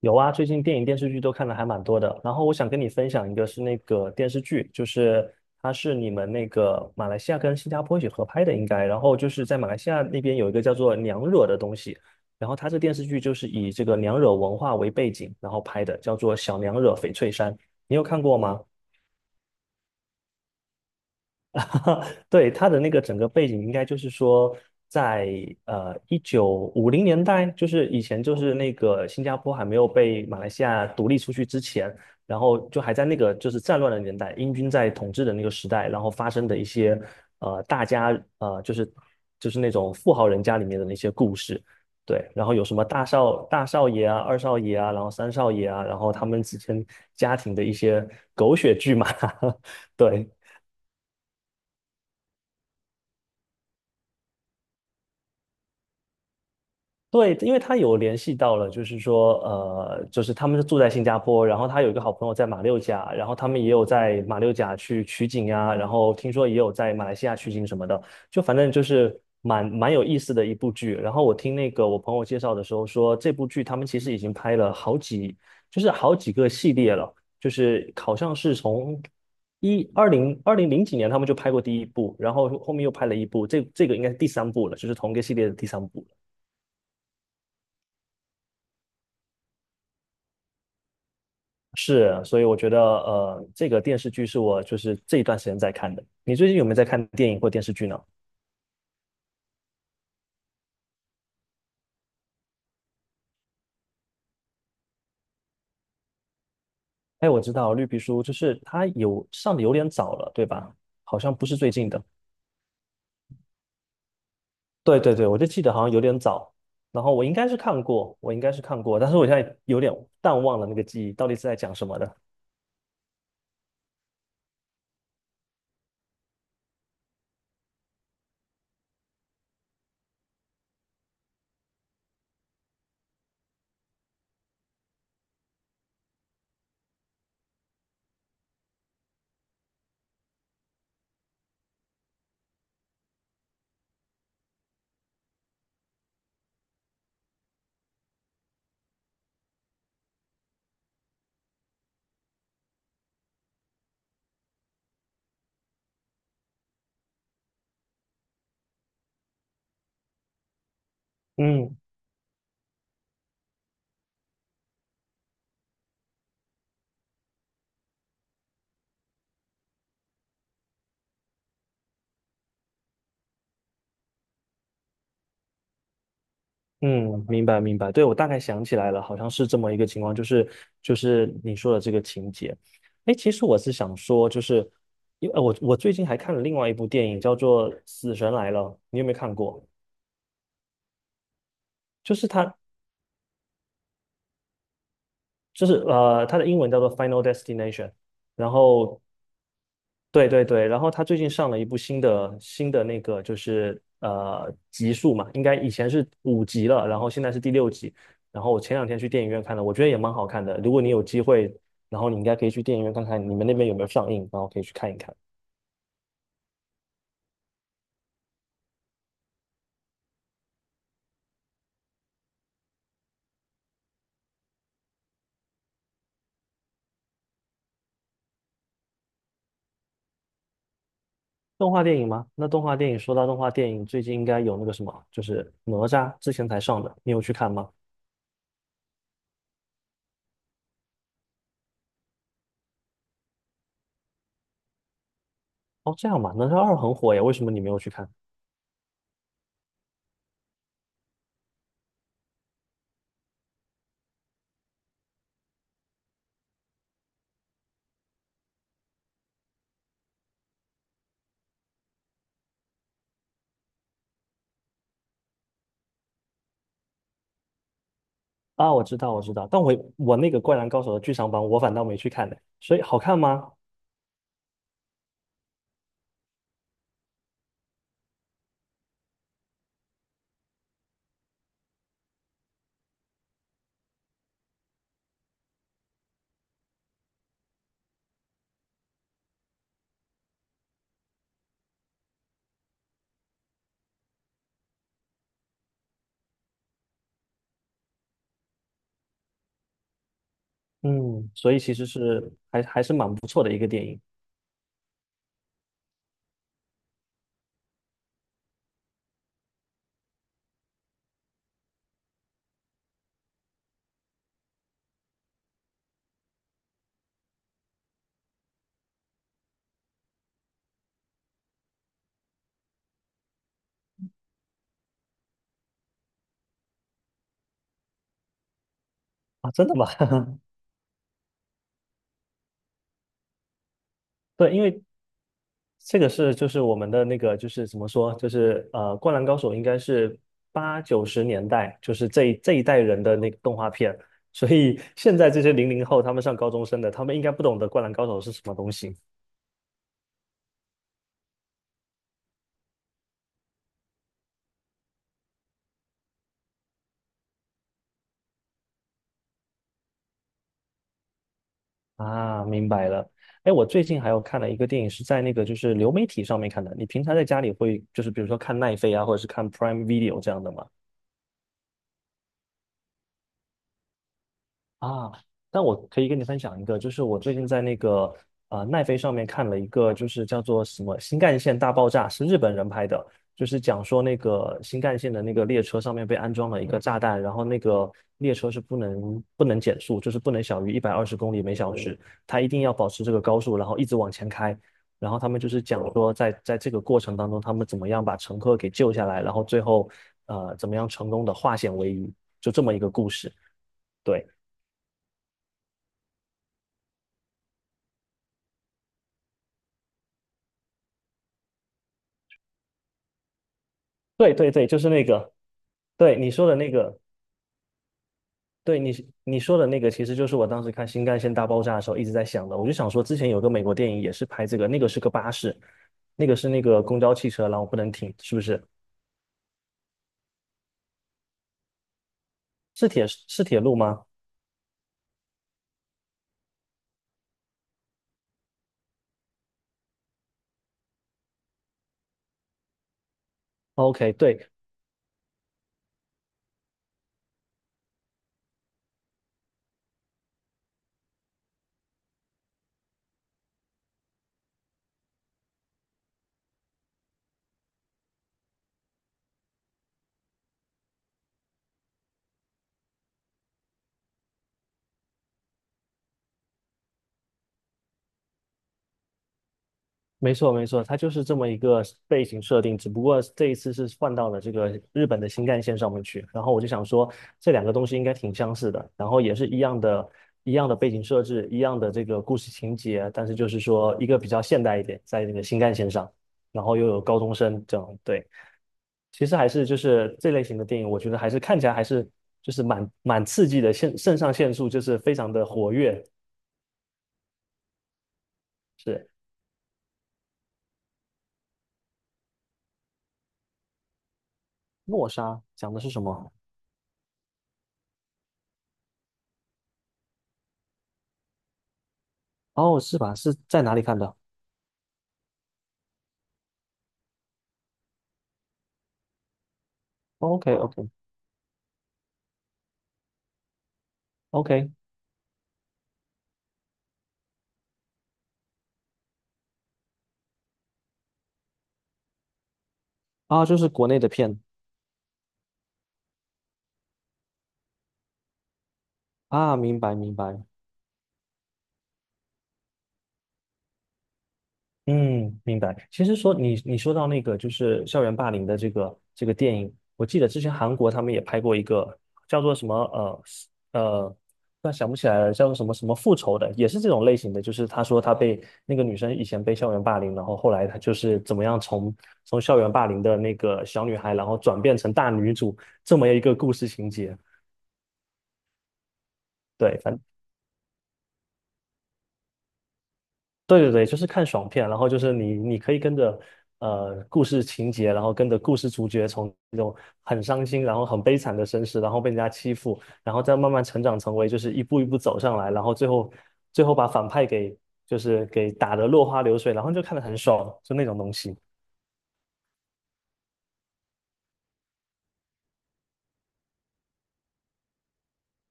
有啊，最近电影电视剧都看的还蛮多的。然后我想跟你分享一个是那个电视剧，就是它是你们那个马来西亚跟新加坡一起合拍的，应该。然后就是在马来西亚那边有一个叫做娘惹的东西，然后它这电视剧就是以这个娘惹文化为背景，然后拍的，叫做《小娘惹翡翠山》，你有看过吗？对，他的那个整个背景应该就是说在，1950年代，就是以前就是那个新加坡还没有被马来西亚独立出去之前，然后就还在那个就是战乱的年代，英军在统治的那个时代，然后发生的一些大家就是那种富豪人家里面的那些故事。对，然后有什么大少爷啊、二少爷啊，然后三少爷啊，然后他们之间家庭的一些狗血剧嘛。对。对，因为他有联系到了，就是说，就是他们是住在新加坡，然后他有一个好朋友在马六甲，然后他们也有在马六甲去取景呀，然后听说也有在马来西亚取景什么的，就反正就是蛮有意思的一部剧。然后我听那个我朋友介绍的时候说，这部剧他们其实已经拍了好几，就是好几个系列了，就是好像是从2020几年他们就拍过第一部，然后后面又拍了一部，这个应该是第三部了，就是同一个系列的第三部。是，所以我觉得这个电视剧是我就是这一段时间在看的。你最近有没有在看电影或电视剧呢？哎，我知道《绿皮书》就是它有上的有点早了，对吧？好像不是最近的。对对对，我就记得好像有点早。然后我应该是看过，但是我现在有点淡忘了那个记忆，到底是在讲什么的。嗯嗯，明白明白，对，我大概想起来了，好像是这么一个情况，就是你说的这个情节。哎，其实我是想说，就是因为我最近还看了另外一部电影，叫做《死神来了》，你有没有看过？就是它就是它的英文叫做《Final Destination》,然后对对对，然后他最近上了一部新的那个就是集数嘛，应该以前是5集了，然后现在是第六集，然后我前两天去电影院看了，我觉得也蛮好看的。如果你有机会，然后你应该可以去电影院看看你们那边有没有上映，然后可以去看一看。动画电影吗？那动画电影说到动画电影，最近应该有那个什么，就是哪吒之前才上的，你有去看吗？哦，这样吧，哪吒二很火呀，为什么你没有去看？啊，我知道，我知道，但我那个《灌篮高手》的剧场版，我反倒没去看呢，所以好看吗？嗯，所以其实是还是蛮不错的一个电影。啊，真的吗？对，因为这个是就是我们的那个就是怎么说，就是《灌篮高手》应该是八九十年代，就是这一代人的那个动画片，所以现在这些00后他们上高中生的，他们应该不懂得《灌篮高手》是什么东西。啊，明白了。哎，我最近还有看了一个电影，是在那个就是流媒体上面看的。你平常在家里会就是比如说看奈飞啊，或者是看 Prime Video 这样的吗？啊，但我可以跟你分享一个，就是我最近在那个奈飞上面看了一个，就是叫做什么《新干线大爆炸》，是日本人拍的，就是讲说那个新干线的那个列车上面被安装了一个炸弹，然后那个列车是不能减速，就是不能小于120公里每小时，它一定要保持这个高速，然后一直往前开。然后他们就是讲说在，在这个过程当中，他们怎么样把乘客给救下来，然后最后怎么样成功的化险为夷，就这么一个故事。对。对对对，就是那个，对你说的那个，对你说的那个，其实就是我当时看《新干线大爆炸》的时候一直在想的。我就想说，之前有个美国电影也是拍这个，那个是个巴士，那个是那个公交汽车，然后不能停，是不是？是铁路吗？OK，对，没错，没错，它就是这么一个背景设定，只不过这一次是换到了这个日本的新干线上面去。然后我就想说，这两个东西应该挺相似的，然后也是一样的，一样的背景设置，一样的这个故事情节，但是就是说一个比较现代一点，在那个新干线上，然后又有高中生这样。对，其实还是就是这类型的电影，我觉得看起来就是蛮刺激的，肾上腺素就是非常的活跃。是《诺莎》讲的是什么？哦，是吧？是在哪里看的？OK OK OK 啊，就是国内的片。啊，明白明白，嗯，明白。其实说你你说到那个就是校园霸凌的这个电影，我记得之前韩国他们也拍过一个叫做什么是呃，突然想不起来了，叫做什么什么复仇的，也是这种类型的，就是他说他被那个女生以前被校园霸凌，然后后来他就是怎么样从校园霸凌的那个小女孩，然后转变成大女主这么一个故事情节。对，反。对对对，就是看爽片，然后就是你可以跟着故事情节，然后跟着故事主角从那种很伤心，然后很悲惨的身世，然后被人家欺负，然后再慢慢成长成为就是一步一步走上来，然后最后把反派给就是给打得落花流水，然后就看得很爽，就那种东西。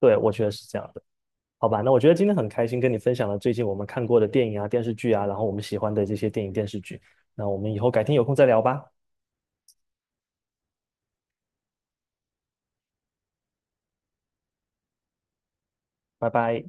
对，我觉得是这样的。好吧，那我觉得今天很开心跟你分享了最近我们看过的电影啊、电视剧啊，然后我们喜欢的这些电影电视剧。那我们以后改天有空再聊吧，拜拜。